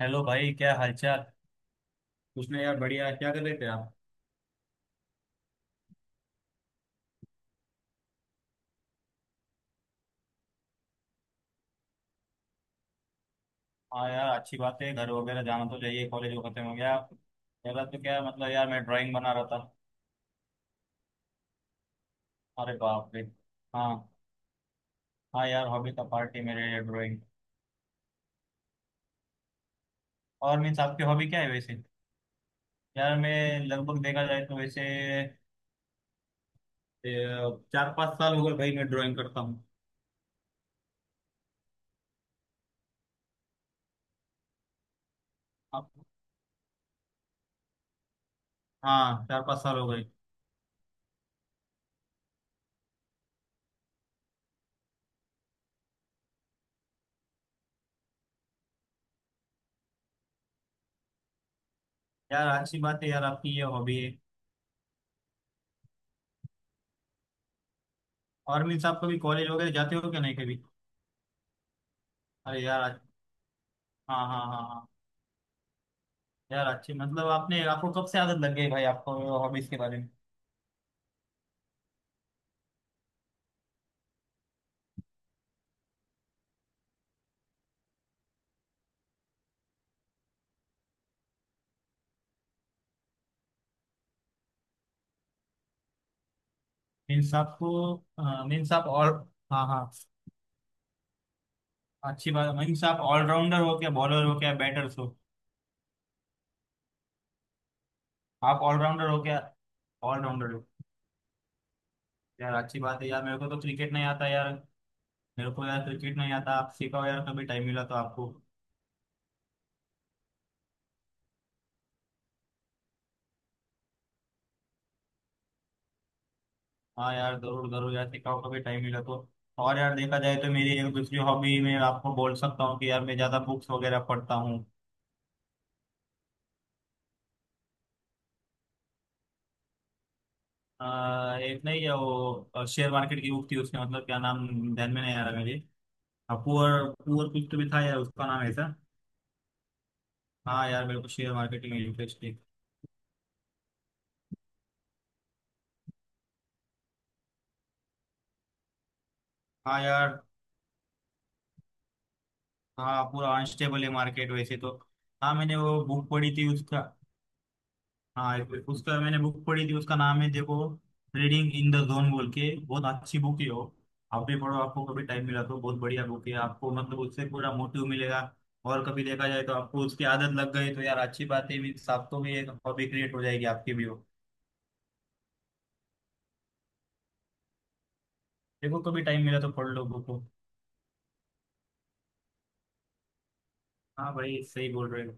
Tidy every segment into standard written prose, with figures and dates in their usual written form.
Hello भाई, क्या हालचाल। कुछ नहीं यार, बढ़िया है। क्या कर रहे थे आप। हाँ यार, अच्छी बात है, घर वगैरह जाना तो चाहिए। कॉलेज वो खत्म हो गया। मेरा तो क्या मतलब यार, मैं ड्राइंग बना रहा था। अरे बाप रे। हाँ। हाँ यार, हॉबी का पार्ट है मेरे, ड्राइंग। और मीन्स, आपकी हॉबी क्या है वैसे। यार मैं लगभग देखा जाए तो वैसे 4-5 साल हो गए भाई, मैं ड्राइंग करता हूँ। आप। हाँ, 4-5 साल हो गए। यार अच्छी बात है यार, आपकी ये हॉबी है। और मीन्स, आप कभी कॉलेज वगैरह जाते हो क्या, नहीं कभी। अरे यार। हाँ, हाँ, हाँ, हाँ। यार अच्छी मतलब, आपने आपको कब से आदत लग गई भाई आपको, हॉबीज के बारे में। मीन्स आपको, मीन्स आप ऑल। हाँ, हाँ। अच्छी बात, मीन्स आप ऑलराउंडर हो क्या, बॉलर हो क्या, बैटर्स हो। आप ऑलराउंडर हो क्या। ऑलराउंडर हो। यार अच्छी बात है यार, मेरे को तो क्रिकेट नहीं आता यार। मेरे को यार क्रिकेट नहीं आता, आप सिखाओ यार, कभी टाइम मिला तो आपको। हाँ यार, जरूर जरूर यार, सिखाओ कभी टाइम मिला तो। और यार देखा जाए तो मेरी एक दूसरी हॉबी में आपको बोल सकता हूँ कि यार, मैं ज्यादा बुक्स वगैरह पढ़ता हूँ। एक नहीं है, वो शेयर मार्केट की बुक थी, उसके मतलब क्या नाम, ध्यान में नहीं आ रहा मेरे। हाँ, पुअर पुअर कुछ तो भी था यार उसका नाम ऐसा। हाँ यार, मेरे को शेयर मार्केट में इंटरेस्ट है। हाँ यार। हाँ, पूरा अनस्टेबल है मार्केट वैसे तो। हाँ, मैंने वो बुक पढ़ी थी उसका। हाँ, उसका मैंने बुक पढ़ी थी, उसका नाम है देखो, रीडिंग इन द जोन बोल के, बहुत अच्छी बुक है वो। आप भी पढ़ो, आपको कभी टाइम मिला तो, बहुत बढ़िया बुक है, आपको मतलब उससे पूरा मोटिव मिलेगा। और कभी देखा जाए तो आपको उसकी आदत लग गई तो यार अच्छी बात है, मीन्स आपको भी एक हॉबी क्रिएट हो जाएगी आपकी भी वो। देखो कभी टाइम मिला तो पढ़ लो बुक को। हाँ भाई, सही बोल रहे हो।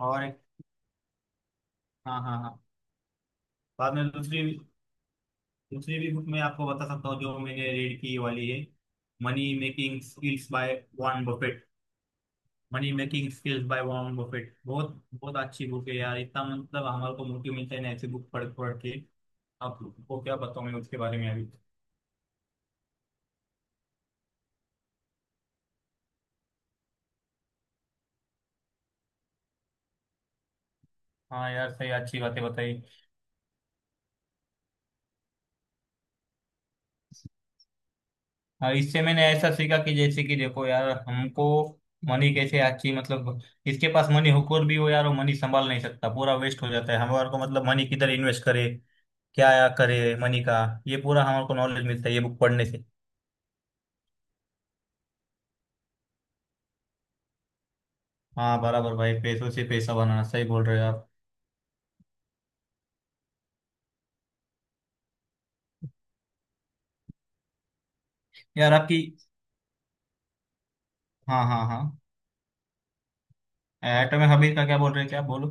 और एक- हाँ, हाँ, हाँ। बाद में दूसरी, दूसरी भी बुक मैं आपको बता सकता हूँ जो मैंने रीड की वाली है, money making skills by Warren Buffett. Money making skills by Warren Buffett, बहुत बहुत अच्छी बुक है यार, इतना मतलब हमारे को मोटिव मिलता है ना, ऐसी बुक पढ़ पढ़ के। आपको क्या बताऊं मैं उसके बारे में अभी। हाँ यार, सही अच्छी बातें बताई। हाँ, इससे मैंने ऐसा सीखा कि जैसे कि देखो यार, हमको मनी कैसे अच्छी मतलब, इसके पास मनी हुकूर भी हो यार, वो मनी संभाल नहीं सकता, पूरा वेस्ट हो जाता है, हमारे को मतलब मनी किधर इन्वेस्ट करे, क्या करे मनी का, ये पूरा हमारे को नॉलेज मिलता है ये बुक पढ़ने से। हाँ बराबर भाई, पैसों से पैसा बनाना सही बोल रहे हो आप। यार आपकी। हाँ, हाँ, हाँ। एटॉमिक हॉबिट का क्या बोल रहे हैं, क्या बोलो।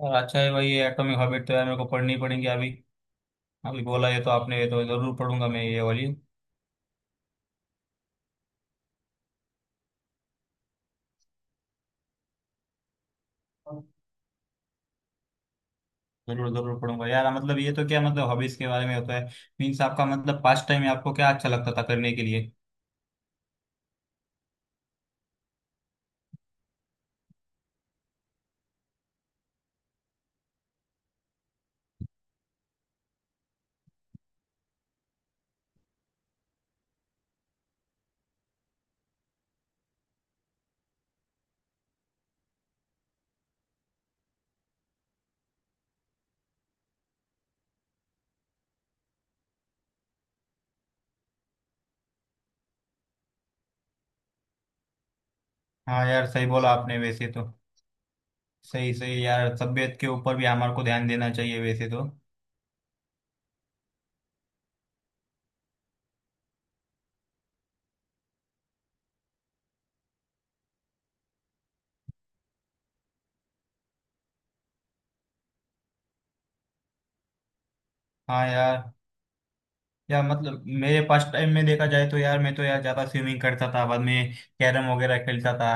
और अच्छा है भाई, ये एटॉमिक हॉबिट तो यार मेरे को पढ़नी पड़ेंगी अभी। अभी बोला ये तो आपने, ये तो जरूर पढ़ूंगा मैं ये वाली। जरूर जरूर पढ़ूंगा यार, मतलब ये तो क्या मतलब हॉबीज के बारे में होता है। मीन्स आपका मतलब, पास्ट टाइम में आपको क्या अच्छा लगता था करने के लिए। हाँ यार, सही बोला आपने वैसे तो, सही सही यार, तबीयत के ऊपर भी हमारे को ध्यान देना चाहिए वैसे तो। हाँ यार। या मतलब मेरे पास टाइम में देखा जाए तो यार, मैं तो यार ज्यादा स्विमिंग करता था, बाद में कैरम वगैरह खेलता था।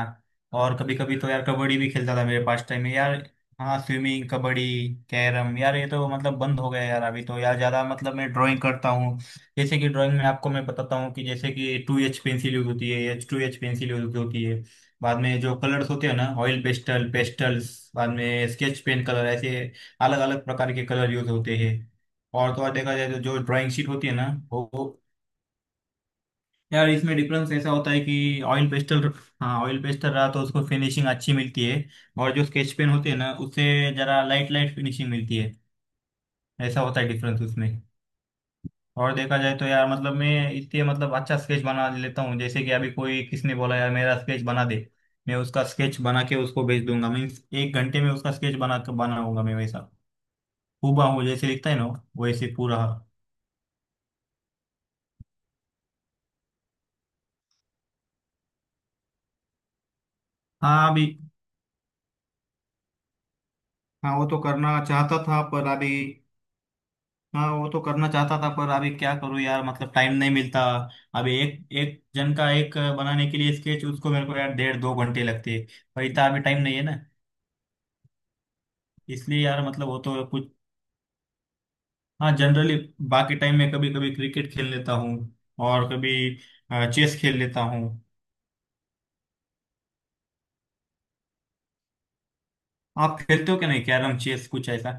और कभी कभी तो यार कबड्डी भी खेलता था मेरे पास टाइम में यार। हाँ, स्विमिंग, कबड्डी, कैरम यार, ये तो मतलब बंद हो गया यार, अभी तो यार ज्यादा मतलब मैं ड्राइंग करता हूँ। जैसे कि ड्राइंग में आपको मैं बताता हूँ कि जैसे कि टू एच पेंसिल यूज होती है, H two H pencil use होती है। बाद में जो कलर्स होते हैं ना, ऑयल पेस्टल, पेस्टल्स, बाद में स्केच पेन कलर, ऐसे अलग अलग प्रकार के कलर यूज होते हैं। और तो और देखा जाए तो जो ड्राइंग शीट होती है ना, वो, यार इसमें डिफरेंस ऐसा होता है कि ऑयल पेस्टल, हाँ, ऑयल पेस्टल रहा तो उसको फिनिशिंग अच्छी मिलती है, और जो स्केच पेन होते हैं ना, उससे जरा लाइट लाइट फिनिशिंग मिलती है, ऐसा होता है डिफरेंस उसमें। और देखा जाए तो यार मतलब मैं इससे मतलब अच्छा स्केच बना लेता हूँ, जैसे कि अभी कोई किसने बोला यार मेरा स्केच बना दे, मैं उसका स्केच बना के उसको भेज दूंगा, मीन्स एक घंटे में उसका स्केच बना बनाऊंगा मैं वैसा, हूबा हूँ जैसे लिखता है ना, वैसे पूरा। हाँ अभी। हाँ वो तो करना चाहता था पर अभी। हाँ वो तो करना चाहता था पर अभी क्या करूँ यार, मतलब टाइम नहीं मिलता, अभी एक एक जन का एक बनाने के लिए स्केच उसको मेरे को यार डेढ़ दो घंटे लगते हैं, और इतना अभी टाइम नहीं है ना, इसलिए यार मतलब वो तो कुछ। हाँ जनरली, बाकी टाइम में कभी कभी क्रिकेट खेल लेता हूँ, और कभी चेस खेल लेता हूँ। आप खेलते हो क्या, नहीं कैरम चेस कुछ ऐसा,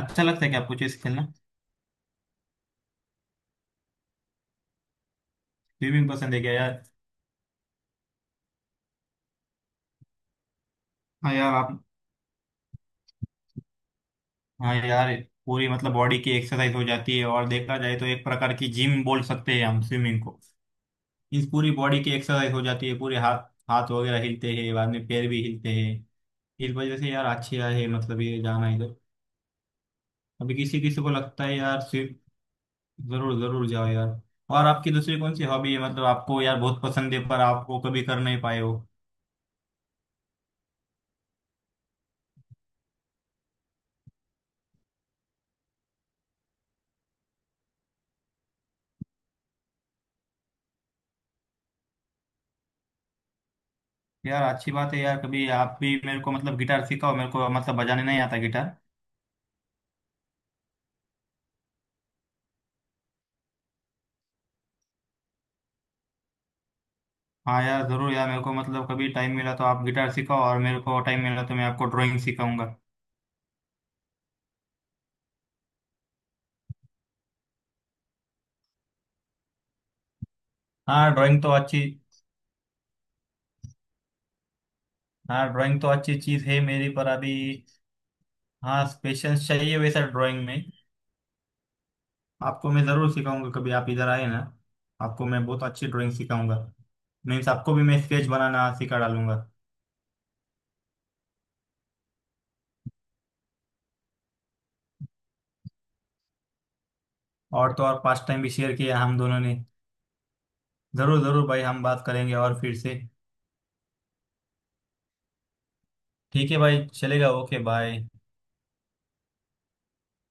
अच्छा लगता है क्या आपको चेस खेलना। स्विमिंग पसंद है क्या यार। हाँ यार आप। हाँ यार, पूरी मतलब बॉडी की एक्सरसाइज हो जाती है, और देखा जाए तो एक प्रकार की जिम बोल सकते हैं हम स्विमिंग को, इस पूरी बॉडी की एक्सरसाइज हो जाती है, पूरे हाथ, हाथ वगैरह हिलते हैं, बाद में पैर भी हिलते हैं, इस वजह से यार अच्छी आए है मतलब ये जाना इधर। अभी किसी किसी को लगता है यार स्विम, जरूर जरूर जाओ यार। और आपकी दूसरी कौन सी हॉबी है मतलब आपको यार बहुत पसंद है पर आपको कभी कर नहीं पाए हो। यार अच्छी बात है यार, कभी आप भी मेरे को मतलब गिटार सिखाओ, मेरे को मतलब बजाने नहीं आता गिटार। हाँ यार, जरूर यार, मेरे को मतलब कभी टाइम मिला तो आप गिटार सिखाओ, और मेरे को टाइम मिला तो मैं आपको ड्राइंग सिखाऊंगा। हाँ ड्राइंग तो अच्छी। हाँ ड्राइंग तो अच्छी चीज है मेरी पर अभी, हाँ पेशेंस चाहिए वैसा ड्राइंग में। आपको मैं जरूर सिखाऊंगा कभी आप इधर आए ना, आपको मैं बहुत अच्छी ड्राइंग सिखाऊंगा, मीन्स आपको भी मैं स्केच बनाना सिखा डालूंगा। और तो और पास्ट टाइम भी शेयर किया हम दोनों ने। जरूर जरूर भाई, हम बात करेंगे और फिर से। ठीक है भाई, चलेगा, ओके बाय।